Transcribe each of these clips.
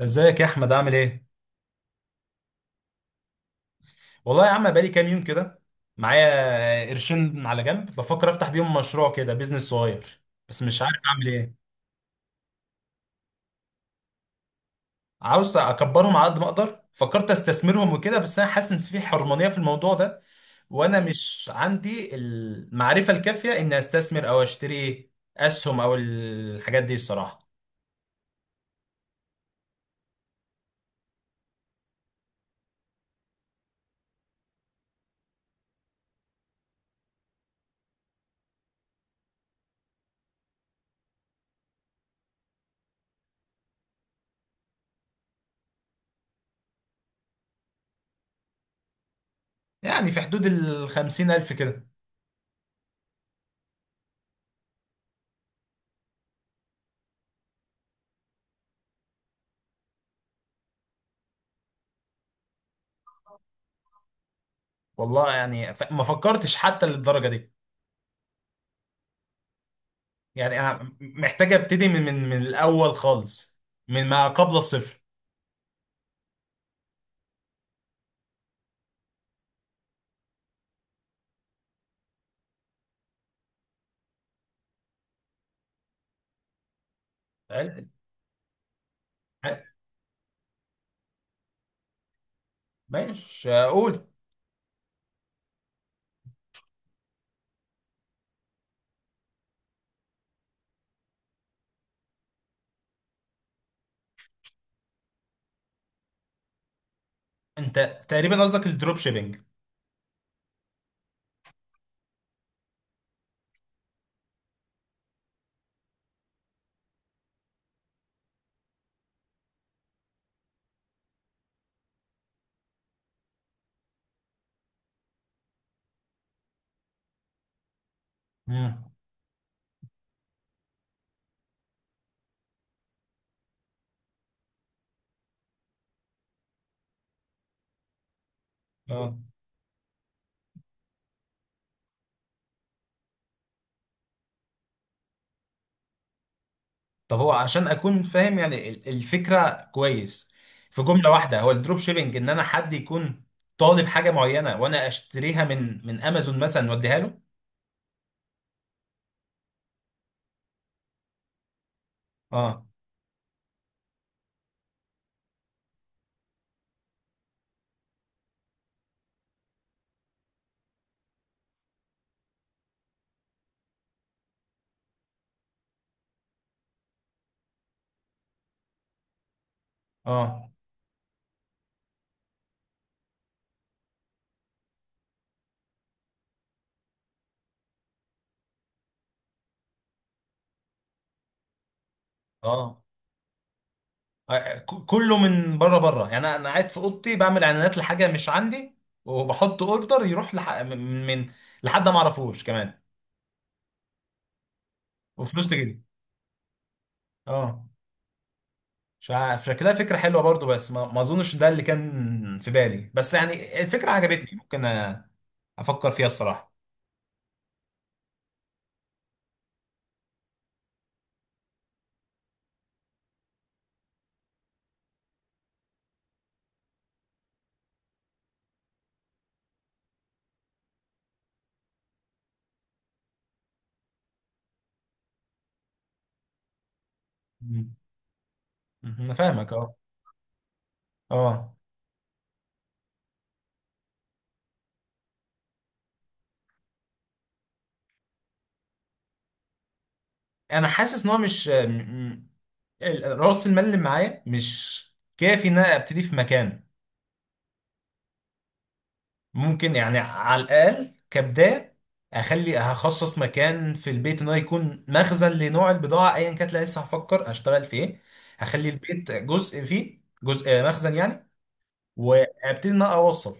ازيك يا احمد عامل ايه؟ والله يا عم بقالي كام يوم كده، معايا قرشين على جنب بفكر افتح بيهم مشروع كده، بيزنس صغير بس مش عارف اعمل ايه. عاوز اكبرهم على قد ما اقدر، فكرت استثمرهم وكده، بس انا حاسس ان في حرمانية في الموضوع ده، وانا مش عندي المعرفة الكافية ان استثمر او اشتري اسهم او الحاجات دي الصراحة. يعني في حدود ال 50,000 الف كده. والله يعني ما فكرتش حتى للدرجة دي. يعني أنا محتاج ابتدي من الاول خالص، من ما قبل الصفر. هل- هل- ماشي اقول. انت تقريبا قصدك الدروب شيبينج. امم، اه. طب هو عشان اكون فاهم يعني الفكره كويس، في جمله واحده هو الدروب شيبينج ان انا حد يكون طالب حاجه معينه وانا اشتريها من امازون مثلا واديها له. اه، اه، اه، آه، كله من بره يعني انا أنا قاعد في اوضتي بعمل اعلانات لحاجه مش عندي وبحط اوردر يروح لحد ما اعرفوش كمان. وفلوس تجيلي، اه. مش عارف شكلها فكره حلوه برضو، بس ما اظنش ده اللي كان في بالي، بس يعني الفكره عجبتني، ممكن أ- افكر فيها الصراحه. مم. مم. انا فاهمك، اه. اه، انا حاسس ان هو مش م- م- ال- راس المال اللي معايا مش كافي ان انا ابتدي في مكان. ممكن يعني على الأقل كبداية هخصص مكان في البيت إن هو يكون مخزن لنوع البضاعة أيا كانت، لا لسه هفكر أشتغل في إيه. هخلي البيت جزء، فيه جزء آه، مخزن يعني. وأبتدي إن أنا أوصل.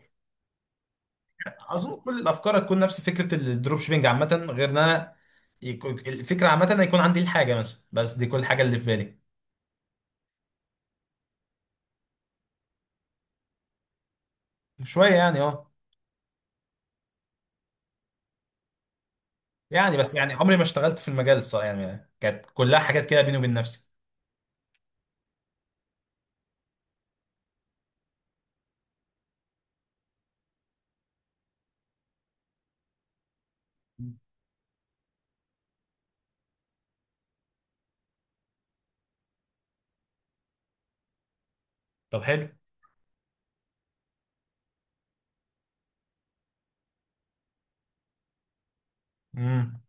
أظن كل الأفكار هتكون نفس فكرة الدروب شيبينج عامة، غير إن أنا الفكرة عامة إن يكون عندي الحاجة مثلا، بس دي كل حاجة اللي في بالي. شوية يعني أه. يعني بس يعني عمري ما اشتغلت في المجال الصراحة، يعني كانت كلها حاجات كده بيني وبين نفسي. طب حلو. امم،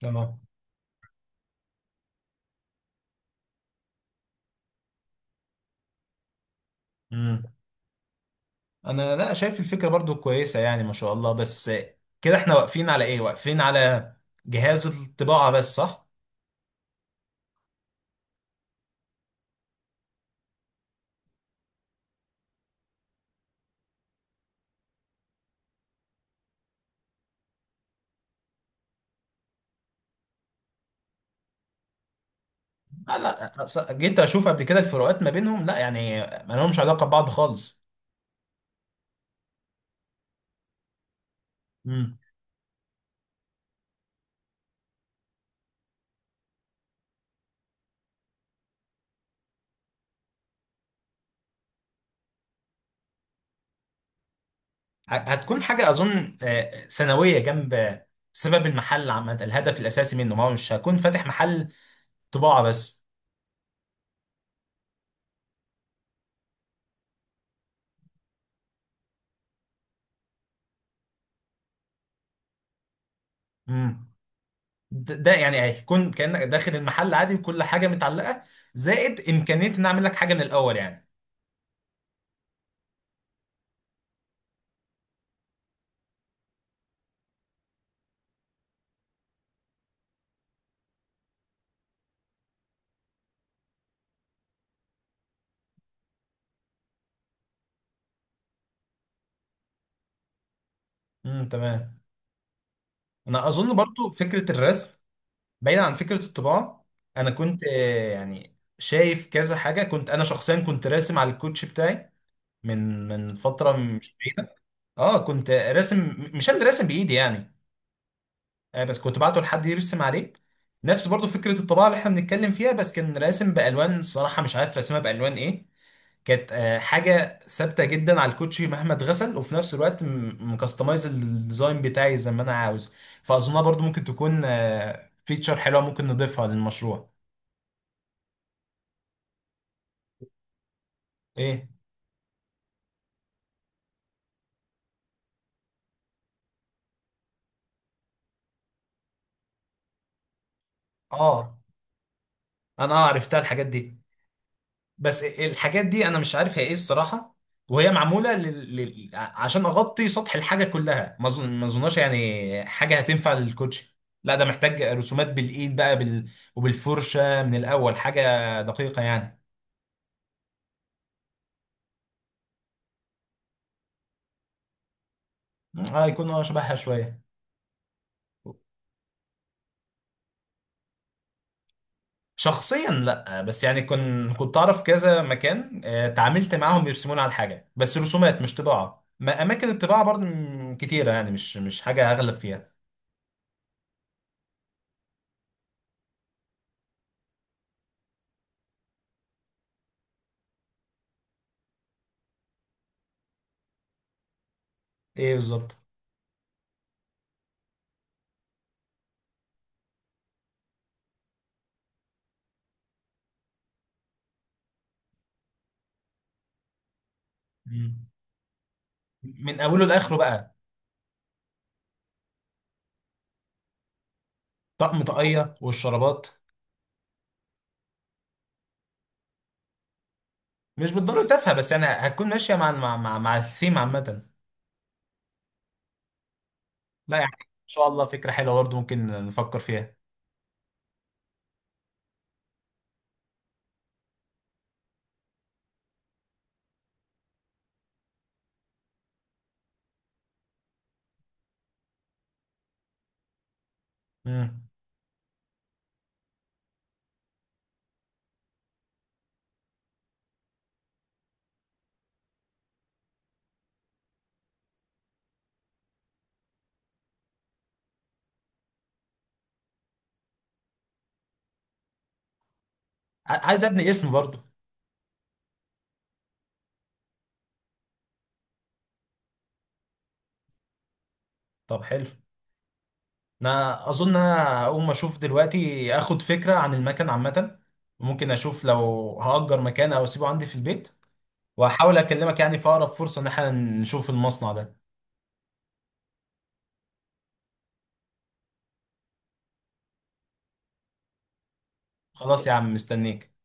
تمام. مم. انا لا شايف الفكره برضو كويسه، يعني ما شاء الله، بس كده احنا واقفين على ايه؟ واقفين على جهاز الطباعه بس، صح؟ لا لا، جيت اشوف قبل كده الفروقات ما بينهم، لا يعني ما لهمش علاقه ببعض خالص. امم. هتكون حاجه اظن آه، ثانويه جنب سبب المحل عامه، الهدف الاساسي منه ما هو مش هكون فاتح محل طباعه بس. امم. ده، ده يعني هيكون كانك داخل المحل عادي وكل حاجه متعلقه، زائد امكانيه ان اعمل لك حاجه من الاول يعني. امم، تمام. انا اظن برضو فكره الرسم بعيد عن فكره الطباعه. انا كنت آه، يعني شايف كذا حاجه، كنت انا شخصيا كنت راسم على الكوتش بتاعي من فتره مش بعيده. اه كنت راسم، مش انا اللي راسم بايدي يعني، آه بس كنت بعته لحد يرسم عليه. نفس برضو فكره الطباعه اللي احنا بنتكلم فيها، بس كان راسم بالوان الصراحه، مش عارف راسمها بالوان ايه. كانت آه، حاجة ثابتة جدا على الكوتشي مهما اتغسل، وفي نفس الوقت مكستمايز الديزاين بتاعي زي ما انا عاوز. فاظنها برضو ممكن تكون فيتشر حلوة ممكن نضيفها للمشروع. ايه؟ اه انا آه عرفتها الحاجات دي. بس الحاجات دي انا مش عارف هي ايه الصراحة، وهي معمولة عشان اغطي سطح الحاجة كلها، ما اظن ما اظنهاش يعني حاجة هتنفع للكوتشي. لا ده محتاج رسومات بالايد بقى وبالفرشة، من الاول حاجة دقيقة يعني. اه يكون آه شبهها شوية. شخصيا لا، بس يعني كنت اعرف كذا مكان آه، تعاملت معاهم يرسمون على حاجه، بس رسومات مش طباعه. ما اماكن الطباعه برضه كتيره يعني، مش حاجه اغلب فيها. ايه بالظبط. مم. من اوله لاخره بقى. طقم طاقيه والشرابات. مش بالضروره تافهه، بس يعني هتكون ماشيه مع الثيم عامه. لا يعني ان شاء الله فكره حلوه برضه، ممكن نفكر فيها. مم. عايز ابني اسم برضه. طب حلو. انا اظن انا هقوم اشوف دلوقتي اخد فكره عن المكان عامه، ممكن اشوف لو هأجر مكان او اسيبه عندي في البيت، واحاول اكلمك يعني في اقرب فرصه ان احنا نشوف المصنع ده. خلاص يا عم، مستنيك.